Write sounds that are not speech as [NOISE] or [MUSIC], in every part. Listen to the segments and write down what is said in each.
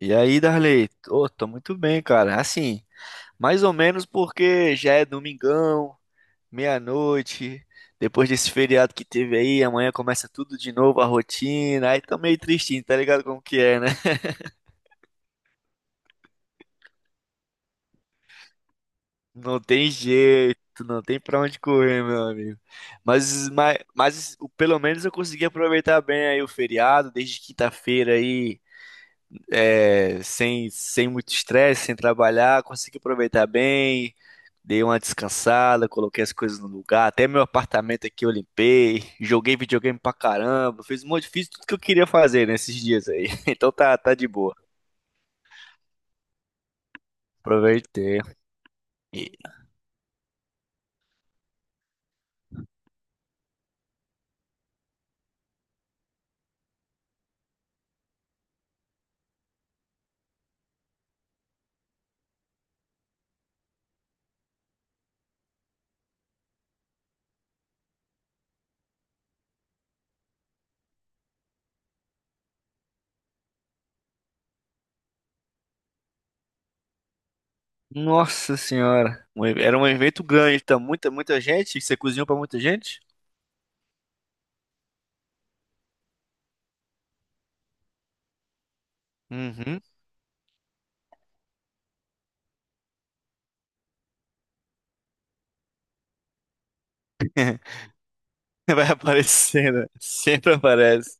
E aí, Darley? Ô, tô muito bem, cara. Assim, mais ou menos porque já é domingão, meia-noite, depois desse feriado que teve aí, amanhã começa tudo de novo, a rotina. Aí tô meio tristinho, tá ligado como que é, né? [LAUGHS] Não tem jeito, não tem pra onde correr, meu amigo. Pelo menos eu consegui aproveitar bem aí o feriado, desde quinta-feira aí. Sem muito estresse, sem trabalhar, consegui aproveitar bem, dei uma descansada, coloquei as coisas no lugar, até meu apartamento aqui eu limpei, joguei videogame pra caramba, fiz um monte, fiz tudo que eu queria fazer nesses dias aí. [LAUGHS] Então tá, tá de boa. Aproveitei. E- Nossa senhora, era um evento grande, tá muita, muita gente, você cozinhou pra muita gente? Uhum. [LAUGHS] Vai aparecendo, sempre aparece.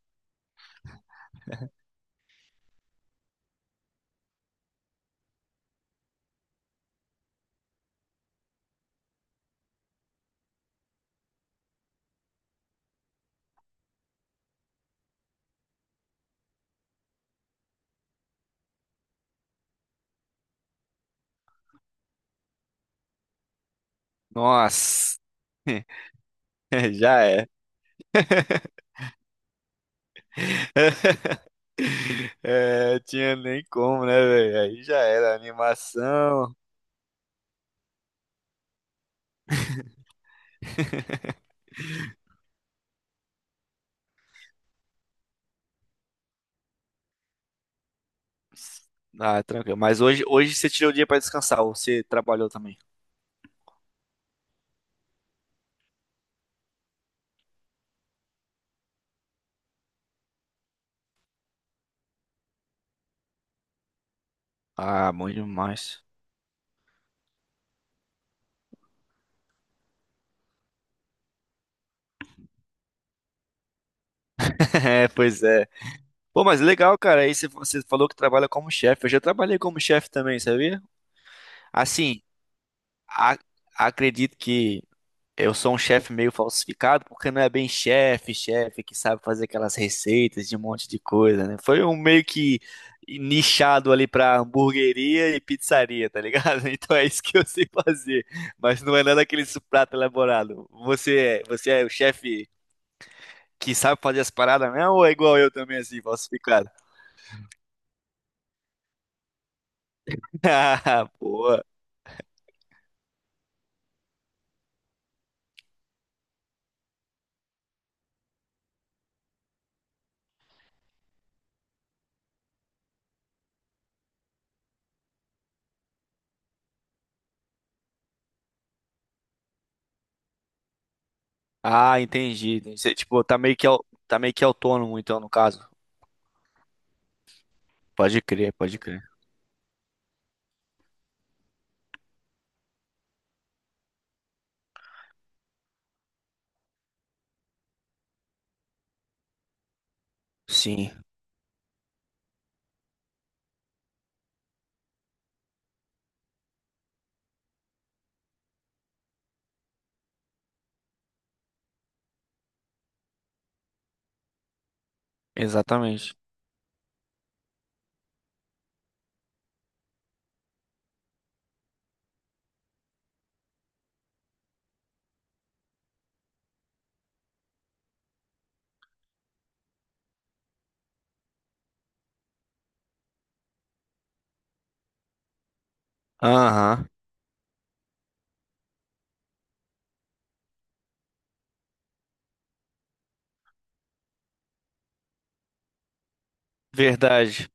Nossa, [LAUGHS] já é. É, tinha nem como, né, velho? Aí já era animação. Ah, tranquilo. Mas hoje, hoje você tirou o dia pra descansar, ou você trabalhou também? Ah, bom demais. [LAUGHS] É, pois é. Pô, mas legal, cara. Aí você, você falou que trabalha como chefe. Eu já trabalhei como chefe também, sabia? Assim, a- acredito que eu sou um chefe meio falsificado, porque não é bem chefe, chefe que sabe fazer aquelas receitas de um monte de coisa, né? Foi um meio que nichado ali pra hamburgueria e pizzaria, tá ligado? [LAUGHS] Então é isso que eu sei fazer, mas não é nada aquele prato elaborado. Você é o chefe que sabe fazer as paradas mesmo ou é igual eu também, assim, falsificado? [LAUGHS] Ah, boa. Ah, entendi. Você, tipo, tá meio que, tá meio que autônomo, então, no caso. Pode crer, pode crer. Sim, exatamente. Aham, verdade.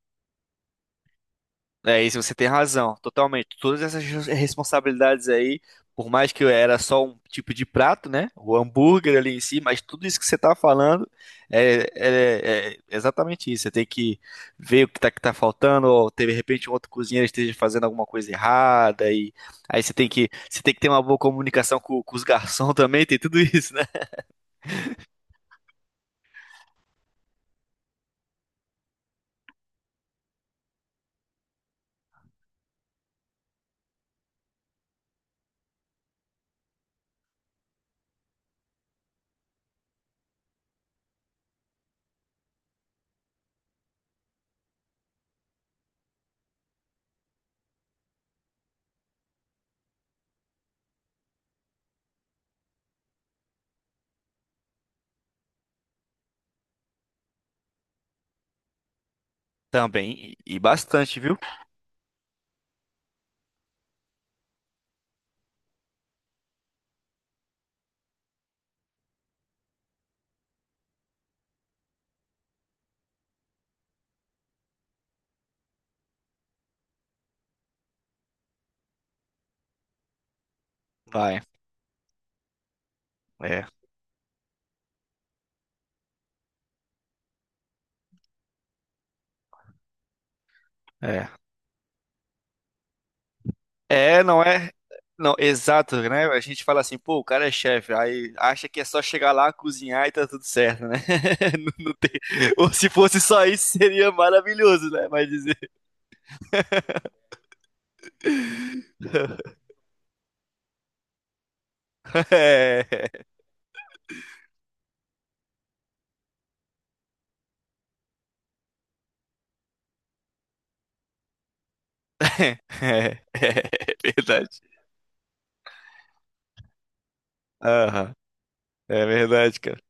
É isso, você tem razão, totalmente. Todas essas responsabilidades aí, por mais que era só um tipo de prato, né? O hambúrguer ali em si, mas tudo isso que você tá falando é, é exatamente isso. Você tem que ver o que tá faltando, ou de repente um outro cozinheiro esteja fazendo alguma coisa errada, e aí você tem que ter uma boa comunicação com os garçons [LAUGHS] também, tem tudo isso, né? Também, e bastante, viu? Vai, é, é. É. Não, exato, né? A gente fala assim, pô, o cara é chefe, aí acha que é só chegar lá, cozinhar e tá tudo certo, né? [LAUGHS] Não, não tem. Ou se fosse só isso, seria maravilhoso, né? Mas dizer. [LAUGHS] É, é, é verdade. Aham, é verdade, cara.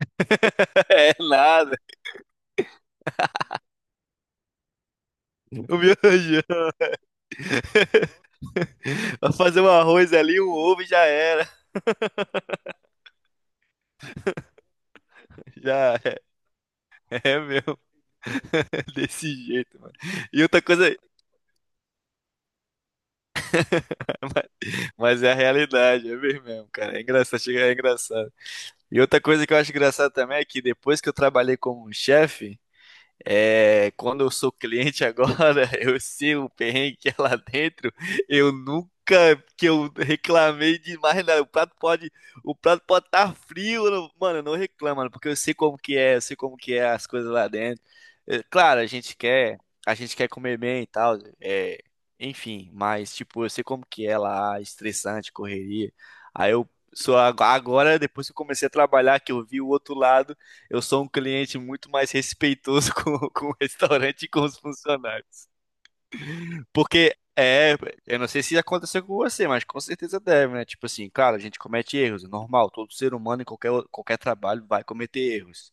[LAUGHS] É nada. O meu feijão. [LAUGHS] Pra fazer um arroz ali, um ovo e já era. [LAUGHS] Já. É mesmo. [LAUGHS] Desse jeito, mano. E outra coisa, [LAUGHS] mas mas é a realidade, é ver mesmo, cara. É engraçado, chega, é engraçado. E outra coisa que eu acho engraçado também é que depois que eu trabalhei como chefe, é, quando eu sou cliente agora, [LAUGHS] eu sei o perrengue que é lá dentro. Eu nunca que eu reclamei demais, né? O prato pode estar frio, eu não- mano, eu não reclamo, mano, porque eu sei como que é, eu sei como que é as coisas lá dentro. É, claro, a gente quer comer bem e tal, é, enfim, mas tipo, eu sei como que é lá, estressante, correria. Aí eu sou agora, depois que eu comecei a trabalhar, que eu vi o outro lado, eu sou um cliente muito mais respeitoso [LAUGHS] com o restaurante e com os funcionários. Porque é, eu não sei se aconteceu com você, mas com certeza deve, né? Tipo assim, cara, a gente comete erros, é normal, todo ser humano em qualquer, qualquer trabalho vai cometer erros.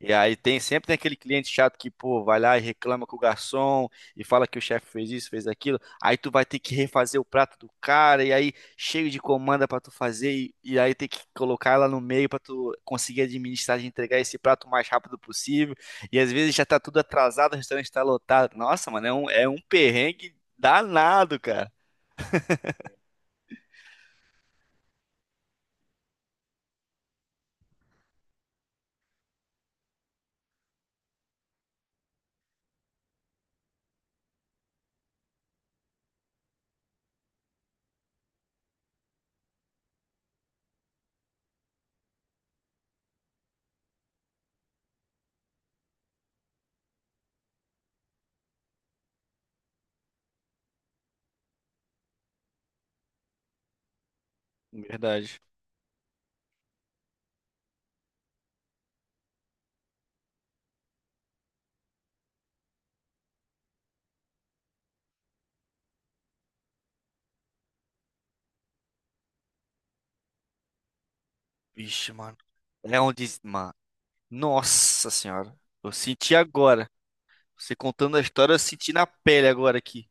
E aí tem aquele cliente chato que, pô, vai lá e reclama com o garçom e fala que o chefe fez isso, fez aquilo. Aí tu vai ter que refazer o prato do cara e aí cheio de comanda pra tu fazer e aí tem que colocar ela no meio pra tu conseguir administrar e entregar esse prato o mais rápido possível. E às vezes já tá tudo atrasado, o restaurante tá lotado. Nossa, mano, é um perrengue danado, cara. Verdade. Vixe, mano. É onde. Mano. Nossa senhora. Eu senti agora. Você contando a história, eu senti na pele agora aqui.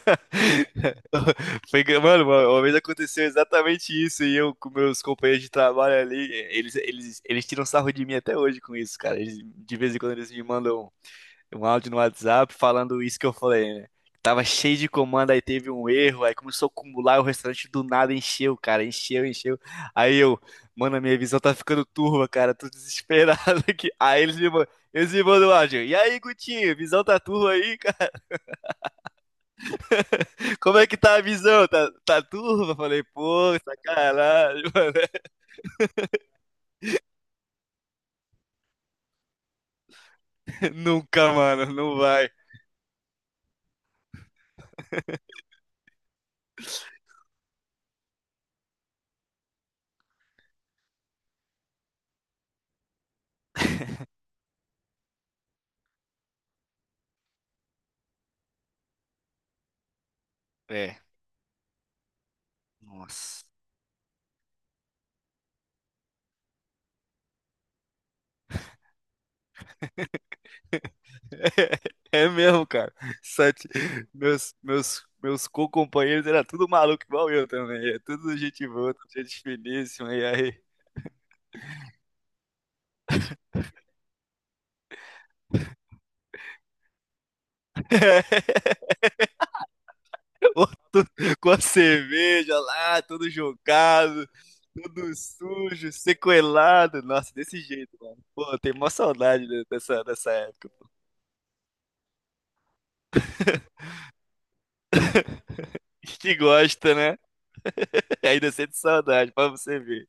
[LAUGHS] Foi, mano, uma vez aconteceu exatamente isso e eu com meus companheiros de trabalho ali, eles tiram sarro de mim até hoje com isso, cara. De vez em quando eles me mandam um áudio no WhatsApp falando isso que eu falei, né? Tava cheio de comando, aí teve um erro, aí começou a acumular, o restaurante do nada encheu, cara, encheu, encheu. Aí eu, mano, a minha visão tá ficando turva, cara, tô desesperado [LAUGHS] aqui. Aí eles me mandam o áudio, e aí, Gutinho, visão tá turva aí, [LAUGHS] cara? Como é que tá a visão? Tá turva? Falei, pô, sacanagem, mano. [LAUGHS] Nunca, mano, não vai. É, nossa. [LAUGHS] É mesmo, cara. Sete, meus co-companheiros era tudo maluco igual eu também. É tudo gente boa, tudo gente finíssima. E aí? [LAUGHS] Outro com a cerveja lá, tudo jogado, tudo sujo, sequelado. Nossa, desse jeito, mano. Pô, eu tenho mó saudade dessa, dessa época. [LAUGHS] Que gosta, né? [LAUGHS] Ainda sente saudade, pra você ver.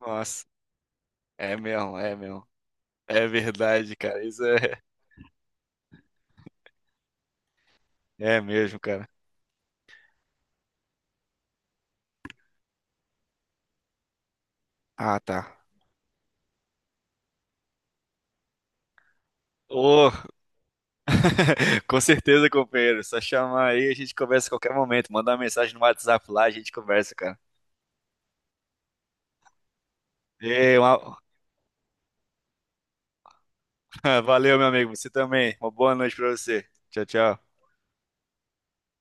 Nossa, é mesmo, é mesmo. É verdade, cara. Isso é, é mesmo, cara. Ah, tá. Ô, [LAUGHS] com certeza, companheiro. Só chamar aí, a gente conversa a qualquer momento. Mandar uma mensagem no WhatsApp lá, a gente conversa, cara. Ei, uma- [LAUGHS] Valeu, meu amigo. Você também. Uma boa noite pra você. Tchau, tchau.